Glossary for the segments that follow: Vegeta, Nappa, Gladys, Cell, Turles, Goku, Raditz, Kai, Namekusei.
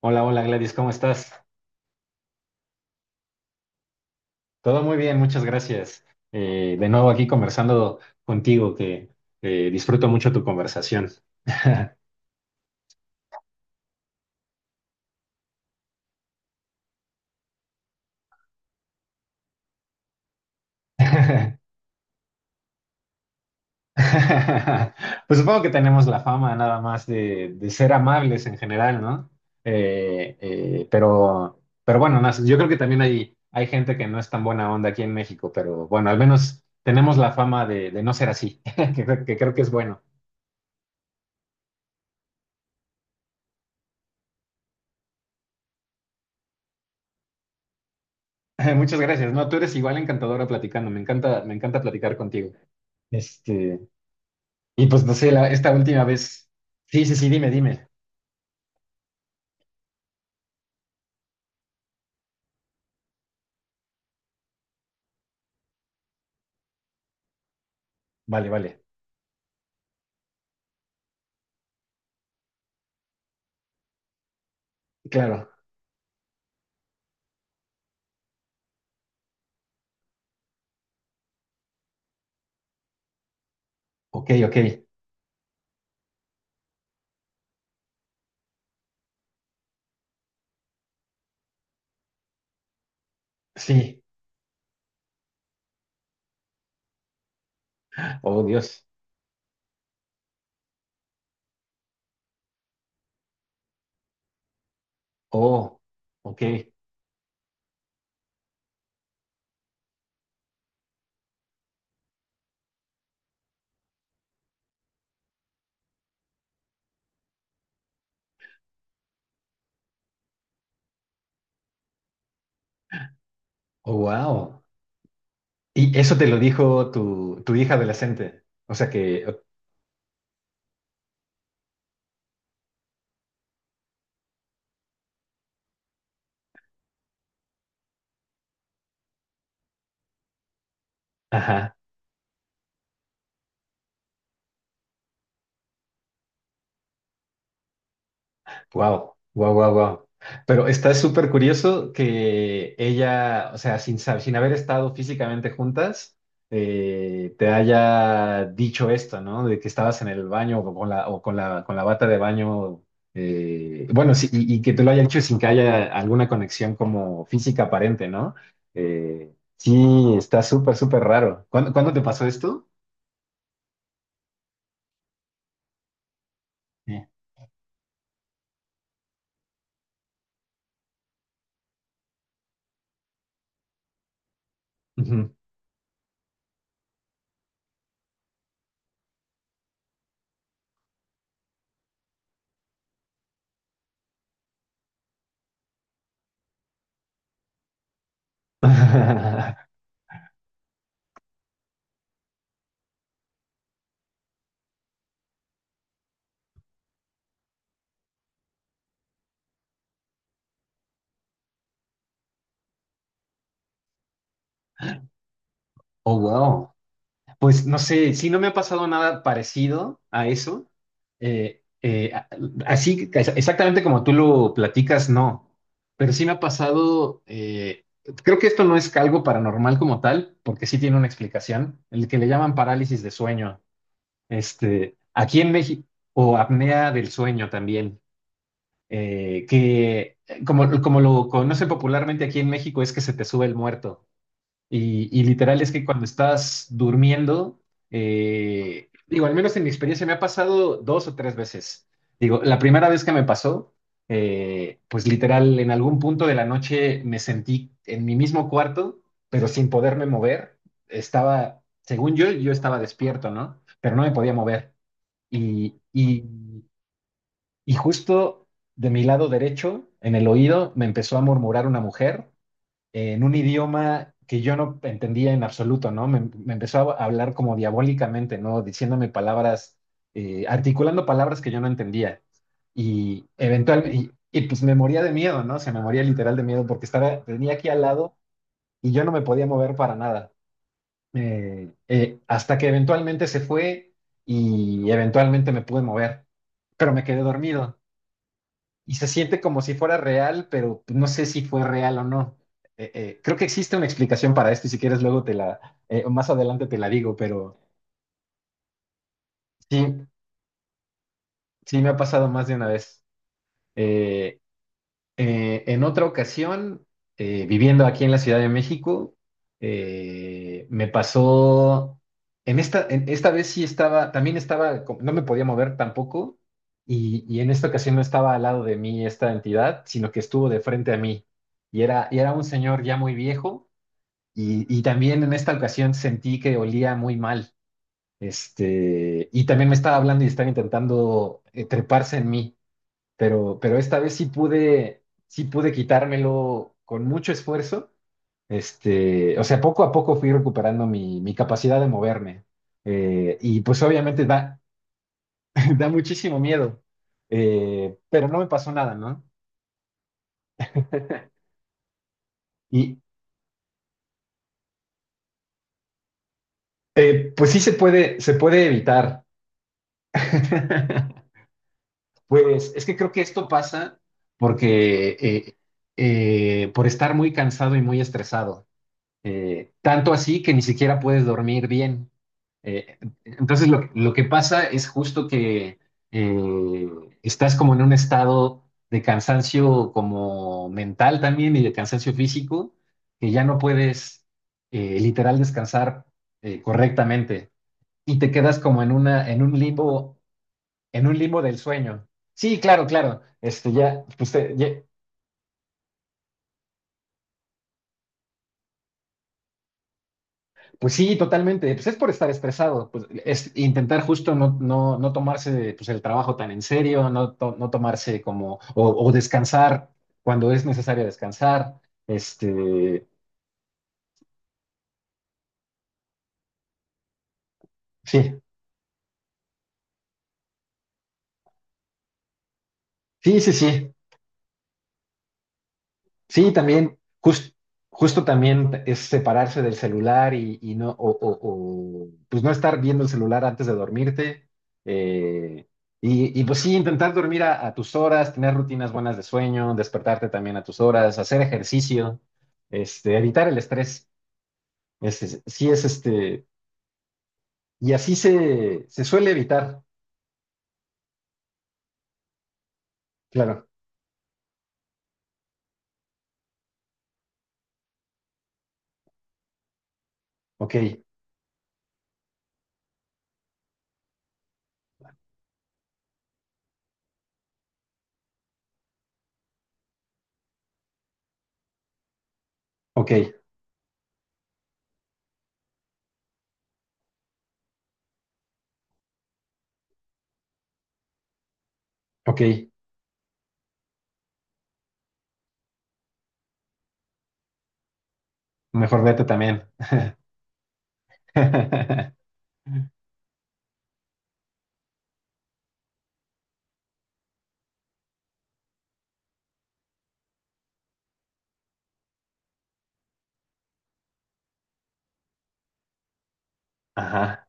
Hola, hola Gladys, ¿cómo estás? Todo muy bien, muchas gracias. De nuevo aquí conversando contigo, que disfruto mucho tu conversación. Pues supongo que tenemos la fama nada más de ser amables en general, ¿no? Pero bueno, yo creo que también hay gente que no es tan buena onda aquí en México, pero bueno, al menos tenemos la fama de no ser así, que creo que es bueno. Muchas gracias. No, tú eres igual encantadora platicando. Me encanta platicar contigo. Este, y pues no sé, esta última vez. Sí, sí, sí, dime, dime. Vale, vale. Claro. Ok, ok. Sí. Oh, Dios. Oh, ok. Oh, wow. Y eso te lo dijo tu, tu hija adolescente. O sea que, ajá. Wow, wow, wow, wow. Pero está súper curioso que ella, o sea, sin haber estado físicamente juntas, te haya dicho esto, ¿no? De que estabas en el baño o con la bata de baño. Bueno, sí, y que te lo haya hecho sin que haya alguna conexión como física aparente, ¿no? Sí, está súper, súper raro. ¿Cuándo, cuándo te pasó esto? Sí. Ujú. Oh, wow. Pues no sé, sí, no me ha pasado nada parecido a eso. Eh, eh, a- Así, exactamente como tú lo platicas, no. Pero sí me ha pasado, creo que esto no es algo paranormal como tal, porque sí tiene una explicación, el que le llaman parálisis de sueño. Este, aquí en México, o apnea del sueño también, que como, como lo conocen popularmente aquí en México es que se te sube el muerto. Y literal es que cuando estás durmiendo, digo, al menos en mi experiencia me ha pasado dos o tres veces. Digo, la primera vez que me pasó, pues literal en algún punto de la noche me sentí en mi mismo cuarto, pero sin poderme mover. Estaba, según yo, yo estaba despierto, ¿no? Pero no me podía mover. Y, y, y justo de mi lado derecho, en el oído, me empezó a murmurar una mujer en un idioma que yo no entendía en absoluto, ¿no? Me empezó a hablar como diabólicamente, ¿no? Diciéndome palabras, articulando palabras que yo no entendía. Pues me moría de miedo, ¿no? Se me moría literal de miedo porque estaba, tenía aquí al lado y yo no me podía mover para nada. Hasta que eventualmente se fue y eventualmente me pude mover, pero me quedé dormido y se siente como si fuera real, pero no sé si fue real o no. Creo que existe una explicación para esto y si quieres luego te la, más adelante te la digo, pero sí, sí me ha pasado más de una vez. Eh, en otra ocasión, viviendo aquí en la Ciudad de México, me pasó, en esta vez sí estaba, también estaba, no me podía mover tampoco, y en esta ocasión no estaba al lado de mí esta entidad, sino que estuvo de frente a mí, y era un señor ya muy viejo, y también en esta ocasión sentí que olía muy mal, este, y también me estaba hablando y estaba intentando treparse en mí pero esta vez sí pude quitármelo con mucho esfuerzo. Este, o sea, poco a poco fui recuperando mi, mi capacidad de moverme. Y pues obviamente da, da muchísimo miedo. Pero no me pasó nada, ¿no? Y pues sí se puede evitar. Pues es que creo que esto pasa porque por estar muy cansado y muy estresado. Tanto así que ni siquiera puedes dormir bien. Eh, entonces que lo que pasa es justo que eh, estás como en un estado de cansancio como mental también y de cansancio físico, que ya no puedes literal descansar correctamente y te quedas como en una, en un limbo del sueño. Sí, claro, claro. Este, ya, pues, Pues sí, totalmente. Pues es por estar estresado, pues es intentar justo no, no, no tomarse pues, el trabajo tan en serio, no, no tomarse como, o descansar cuando es necesario descansar. Este, sí, sí, sí, sí. Sí, también, justo también es separarse del celular y no, o, pues no estar viendo el celular antes de dormirte. eh, y, y, pues sí, intentar dormir a tus horas, tener rutinas buenas de sueño, despertarte también a tus horas, hacer ejercicio, este, evitar el estrés. Sí es este, y así se, se suele evitar. Claro, ok, ok, ok, mejor vete también. Ajá,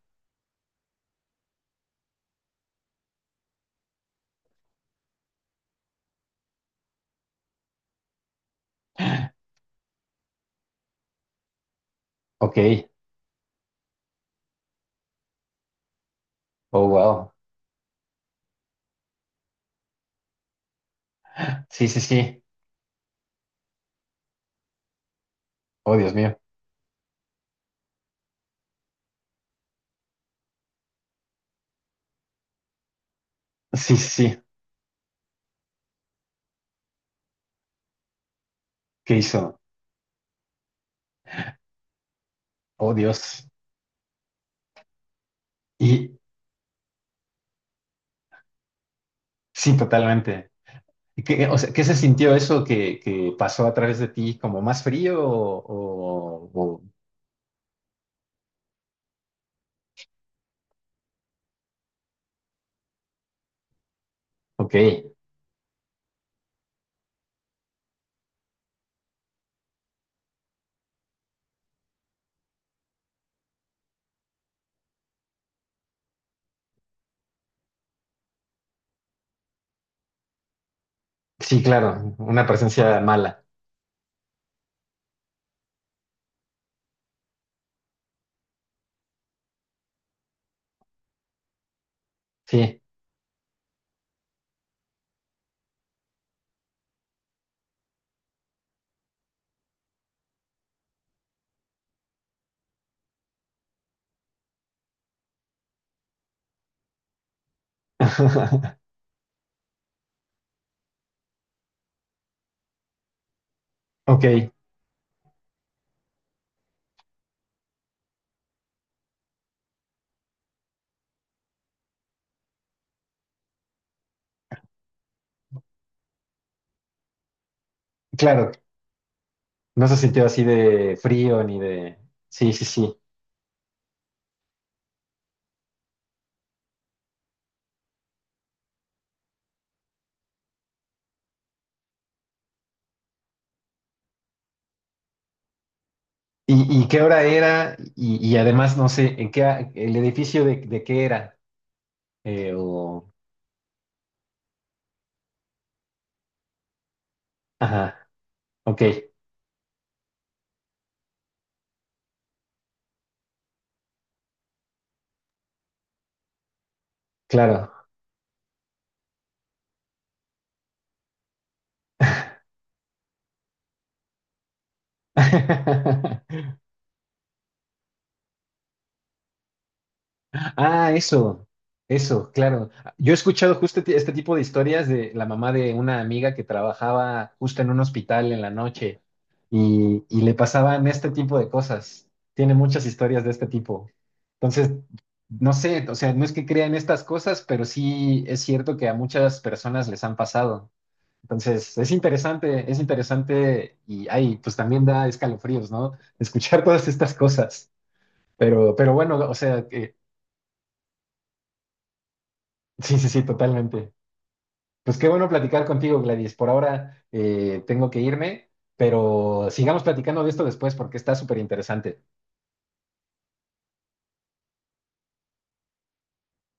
ok. Oh, wow. Sí, sí, sí. Oh, Dios mío. Sí, sí, sí. ¿Qué hizo? Oh, Dios. Y sí, totalmente. ¿Y qué, o sea, ¿qué se sintió eso que pasó a través de ti? ¿Como más frío o, Ok. Sí, claro. Una presencia mala. Sí. Ok. Claro. No se sintió así de frío ni de... Sí, sí, sí. Y qué hora era? Y además, no sé, ¿en qué, el edificio de qué era? Eh, o... Ajá. Ok. Claro. Ah, eso, claro. Yo he escuchado justo este tipo de historias de la mamá de una amiga que trabajaba justo en un hospital en la noche y le pasaban este tipo de cosas. Tiene muchas historias de este tipo. Entonces, no sé, o sea, no es que crean estas cosas, pero sí es cierto que a muchas personas les han pasado. Entonces, es interesante y ay, pues también da escalofríos, ¿no? Escuchar todas estas cosas. Pero bueno, o sea, sí, sí, sí, totalmente. Pues qué bueno platicar contigo, Gladys. Por ahora tengo que irme, pero sigamos platicando de esto después porque está súper interesante.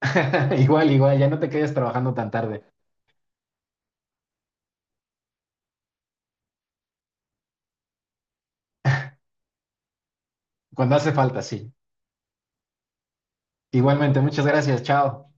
Igual, igual, ya no te quedes trabajando tan tarde. Cuando hace falta, sí. Igualmente, muchas gracias, chao.